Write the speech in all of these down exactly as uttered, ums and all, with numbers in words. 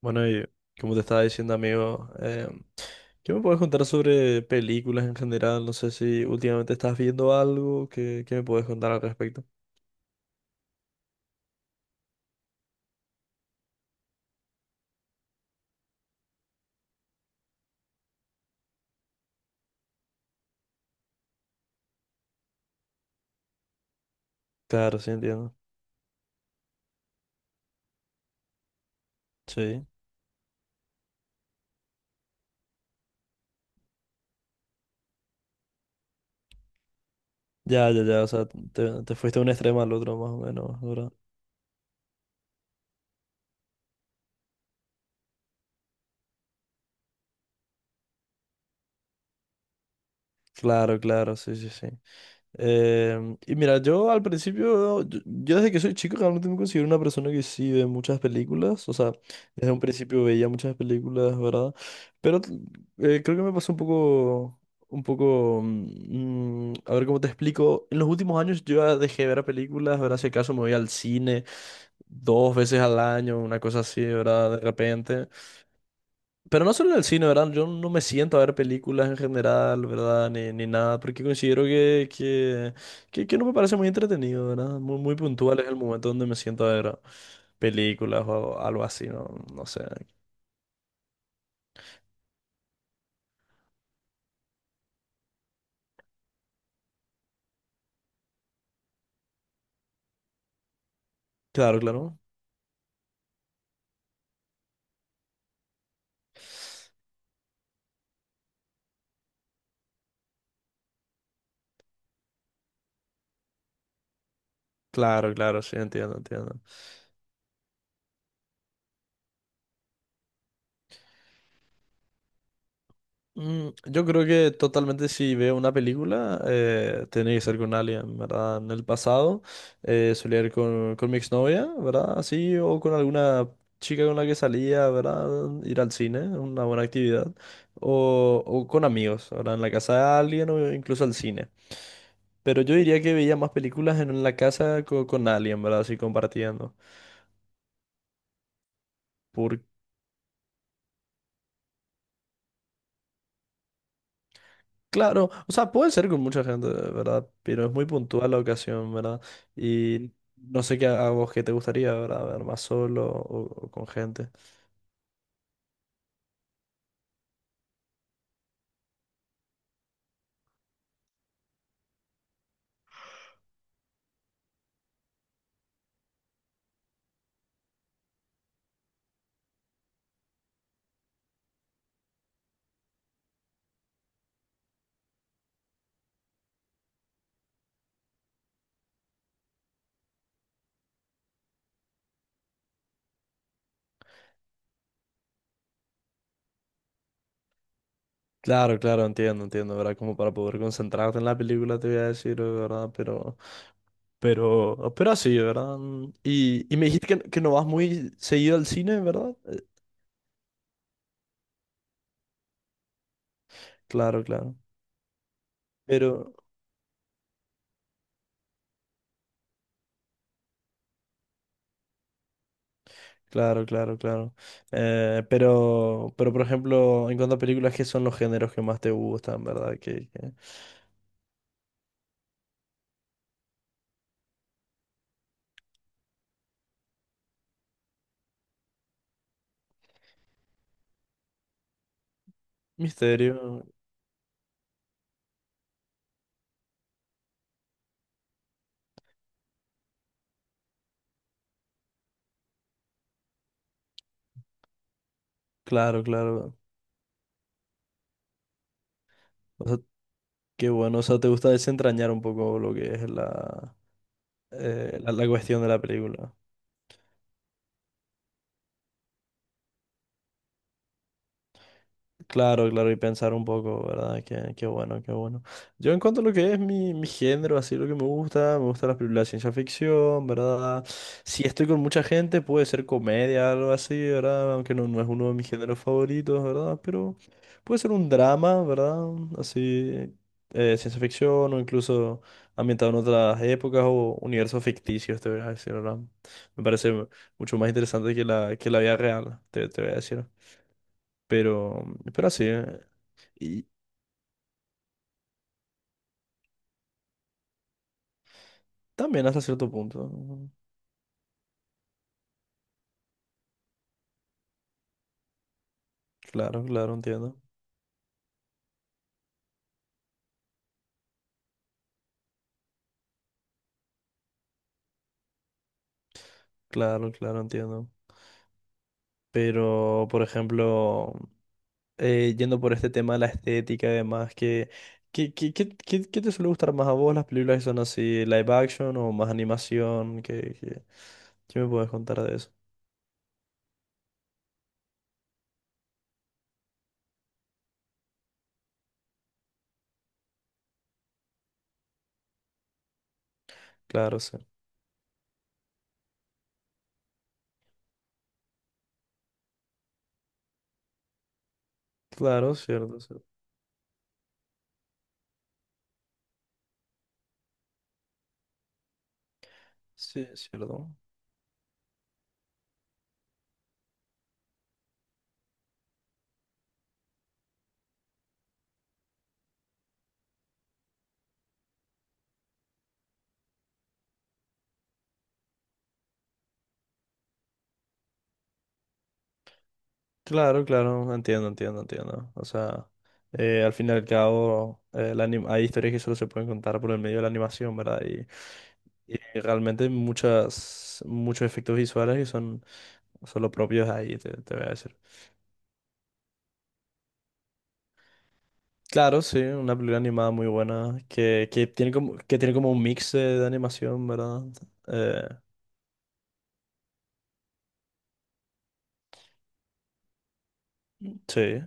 Bueno, y como te estaba diciendo, amigo, eh, ¿qué me puedes contar sobre películas en general? No sé si últimamente estás viendo algo. ¿Qué, qué me puedes contar al respecto? Claro, sí, entiendo. Sí. Ya, ya, ya, o sea, te, te fuiste de un extremo al otro, más o menos, ¿verdad? Claro, claro, sí, sí, sí. Em, y mira, yo al principio, yo, yo desde que soy chico realmente me considero una persona que sí ve muchas películas, o sea, desde un principio veía muchas películas, ¿verdad? Pero eh, creo que me pasó un poco, un poco, mm, mm, a ver cómo te explico, en los últimos años yo ya dejé de ver películas, ¿verdad? Si acaso me voy al cine dos veces al año, una cosa así, ¿verdad? De repente. Pero no solo en el cine, ¿verdad? Yo no me siento a ver películas en general, ¿verdad? Ni, ni nada, porque considero que, que, que, que no me parece muy entretenido, ¿verdad? Muy, muy puntual es el momento donde me siento a ver películas o algo así, ¿no? No sé. Claro, claro. Claro, claro, sí, entiendo, entiendo. Mm, yo creo que totalmente si veo una película, eh, tiene que ser con alguien, ¿verdad? En el pasado eh, solía ir con, con mi exnovia, ¿verdad? Así, o con alguna chica con la que salía, ¿verdad? Ir al cine, una buena actividad. O, o con amigos, ¿verdad? En la casa de alguien o incluso al cine. Pero yo diría que veía más películas en la casa co- con alguien, ¿verdad? Así compartiendo. Claro, o sea, puede ser con mucha gente, ¿verdad? Pero es muy puntual la ocasión, ¿verdad? Y no sé qué a, a vos qué te gustaría, ¿verdad? Ver más solo o, o con gente. Claro, claro, entiendo, entiendo, ¿verdad? Como para poder concentrarte en la película, te voy a decir, ¿verdad? Pero, pero, pero así, ¿verdad? Mm, Y, y me dijiste que, que no vas muy seguido al cine, ¿verdad? Eh, Claro, claro. Pero, claro, claro, claro. Eh, pero, pero, por ejemplo, en cuanto a películas, ¿qué son los géneros que más te gustan, ¿verdad? Que, que- Misterio, claro, claro. O sea, qué bueno. O sea, te gusta desentrañar un poco lo que es la, eh, la, la cuestión de la película. Claro, claro, y pensar un poco, ¿verdad? Qué, qué bueno, qué bueno. Yo en cuanto a lo que es mi, mi género, así lo que me gusta, me gusta las películas de ciencia ficción, ¿verdad? Si estoy con mucha gente, puede ser comedia, algo así, ¿verdad? Aunque no, no es uno de mis géneros favoritos, ¿verdad? Pero puede ser un drama, ¿verdad? Así, eh, ciencia ficción o incluso ambientado en otras épocas o universos ficticios, te voy a decir, ¿verdad? Me parece mucho más interesante que la, que la vida real, te, te voy a decir. Pero, pero así, ¿eh? Y también hasta cierto punto. Claro, claro, entiendo. Claro, claro, entiendo. Pero, por ejemplo, eh, yendo por este tema de la estética y demás, ¿qué, qué, qué, qué, qué- qué te suele gustar más a vos? ¿Las películas que son así, live action o más animación? ¿Qué, qué, qué me puedes contar de eso? Claro, sí. Claro, cierto, cierto. Sí, cierto. Claro, claro, entiendo, entiendo, entiendo. O sea, eh, al fin y al cabo, eh, la anim- hay historias que solo se pueden contar por el medio de la animación, ¿verdad? Y realmente muchas, muchos efectos visuales que son, son los propios ahí, te, te voy a decir. Claro, sí, una película animada muy buena, que, que tiene como, que tiene como un mix de, de animación, ¿verdad? Eh, sí,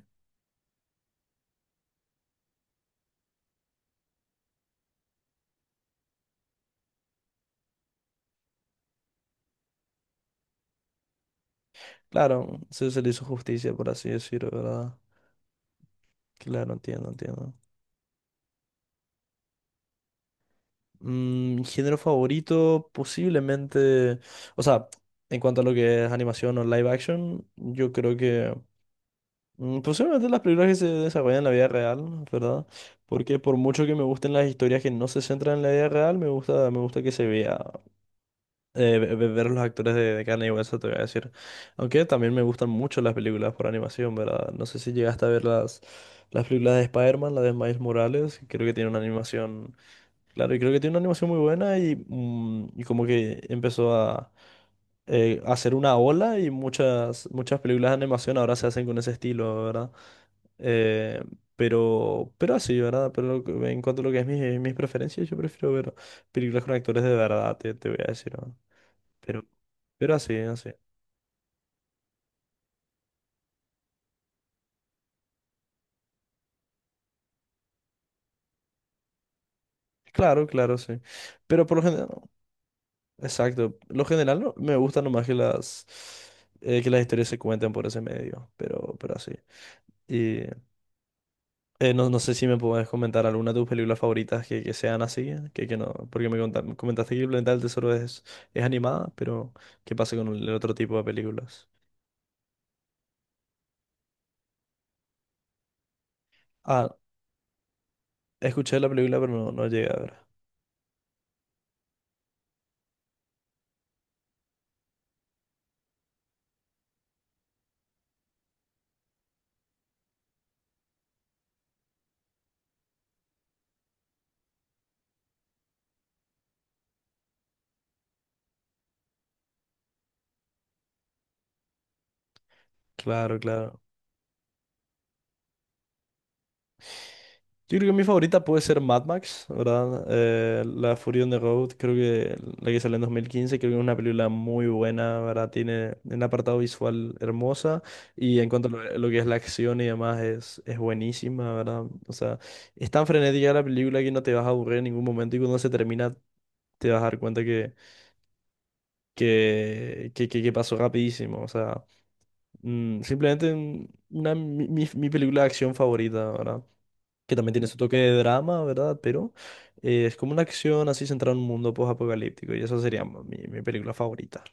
claro, se, se le hizo justicia, por así decirlo, ¿verdad? Claro, entiendo, entiendo. Mm, género favorito, posiblemente, o sea, en cuanto a lo que es animación o live action, yo creo que... Mm, posiblemente las películas que se desarrollan en la vida real, ¿verdad? Porque por mucho que me gusten las historias que no se centran en la vida real, me gusta, me gusta que se vea, eh, ve- ve- ver los actores de, de carne y hueso, te voy a decir. Aunque también me gustan mucho las películas por animación, ¿verdad? No sé si llegaste a ver las, las películas de Spider-Man, la de Miles Morales, que creo que tiene una animación, claro, y creo que tiene una animación muy buena y, mm, y como que empezó a eh, hacer una ola y muchas, muchas películas de animación ahora se hacen con ese estilo, ¿verdad? Eh, pero, pero así, ¿verdad? Pero lo que- en cuanto a lo que es mi- mis preferencias, yo prefiero ver películas con actores de verdad, te, te voy a decir, ¿no? Pero, pero así, así. Claro, claro, sí. Pero por lo general, exacto. Lo general no- me gusta nomás que las, eh, que las historias se cuenten por ese medio, pero, pero así. Y eh, no, no sé si me puedes comentar alguna de tus películas favoritas que, que sean así, que, que no, porque me conta- comentaste que El Planeta del Tesoro es, es animada, pero ¿qué pasa con el otro tipo de películas? Ah, escuché la película, pero no, no llegué a ver. Claro, claro. Yo creo que mi favorita puede ser Mad Max, ¿verdad? Eh, La Fury on the Road, creo que la que salió en dos mil quince, creo que es una película muy buena, ¿verdad? Tiene un apartado visual hermosa y en cuanto a lo, lo que es la acción y demás es, es buenísima, ¿verdad? O sea, es tan frenética la película que no te vas a aburrir en ningún momento y cuando se termina te vas a dar cuenta que, que, que, que que pasó rapidísimo, o sea... Mm, simplemente un- una, mi, mi- mi película de acción favorita, ¿verdad? Que también tiene su toque de drama, ¿verdad? Pero eh, es como una acción así centrada en un mundo post-apocalíptico y esa sería mi, mi película favorita.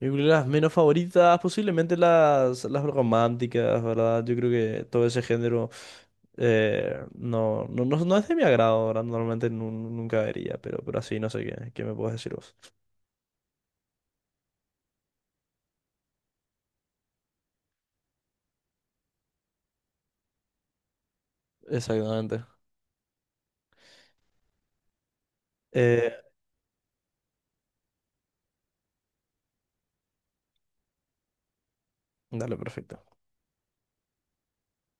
Mis películas menos favoritas, posiblemente las, las románticas, ¿verdad? Yo creo que todo ese género eh, no, no, no, no es de mi agrado, ¿verdad? Normalmente nu- nunca vería, pero, pero así no sé qué, qué me puedes decir vos. Exactamente. Eh, dale, perfecto.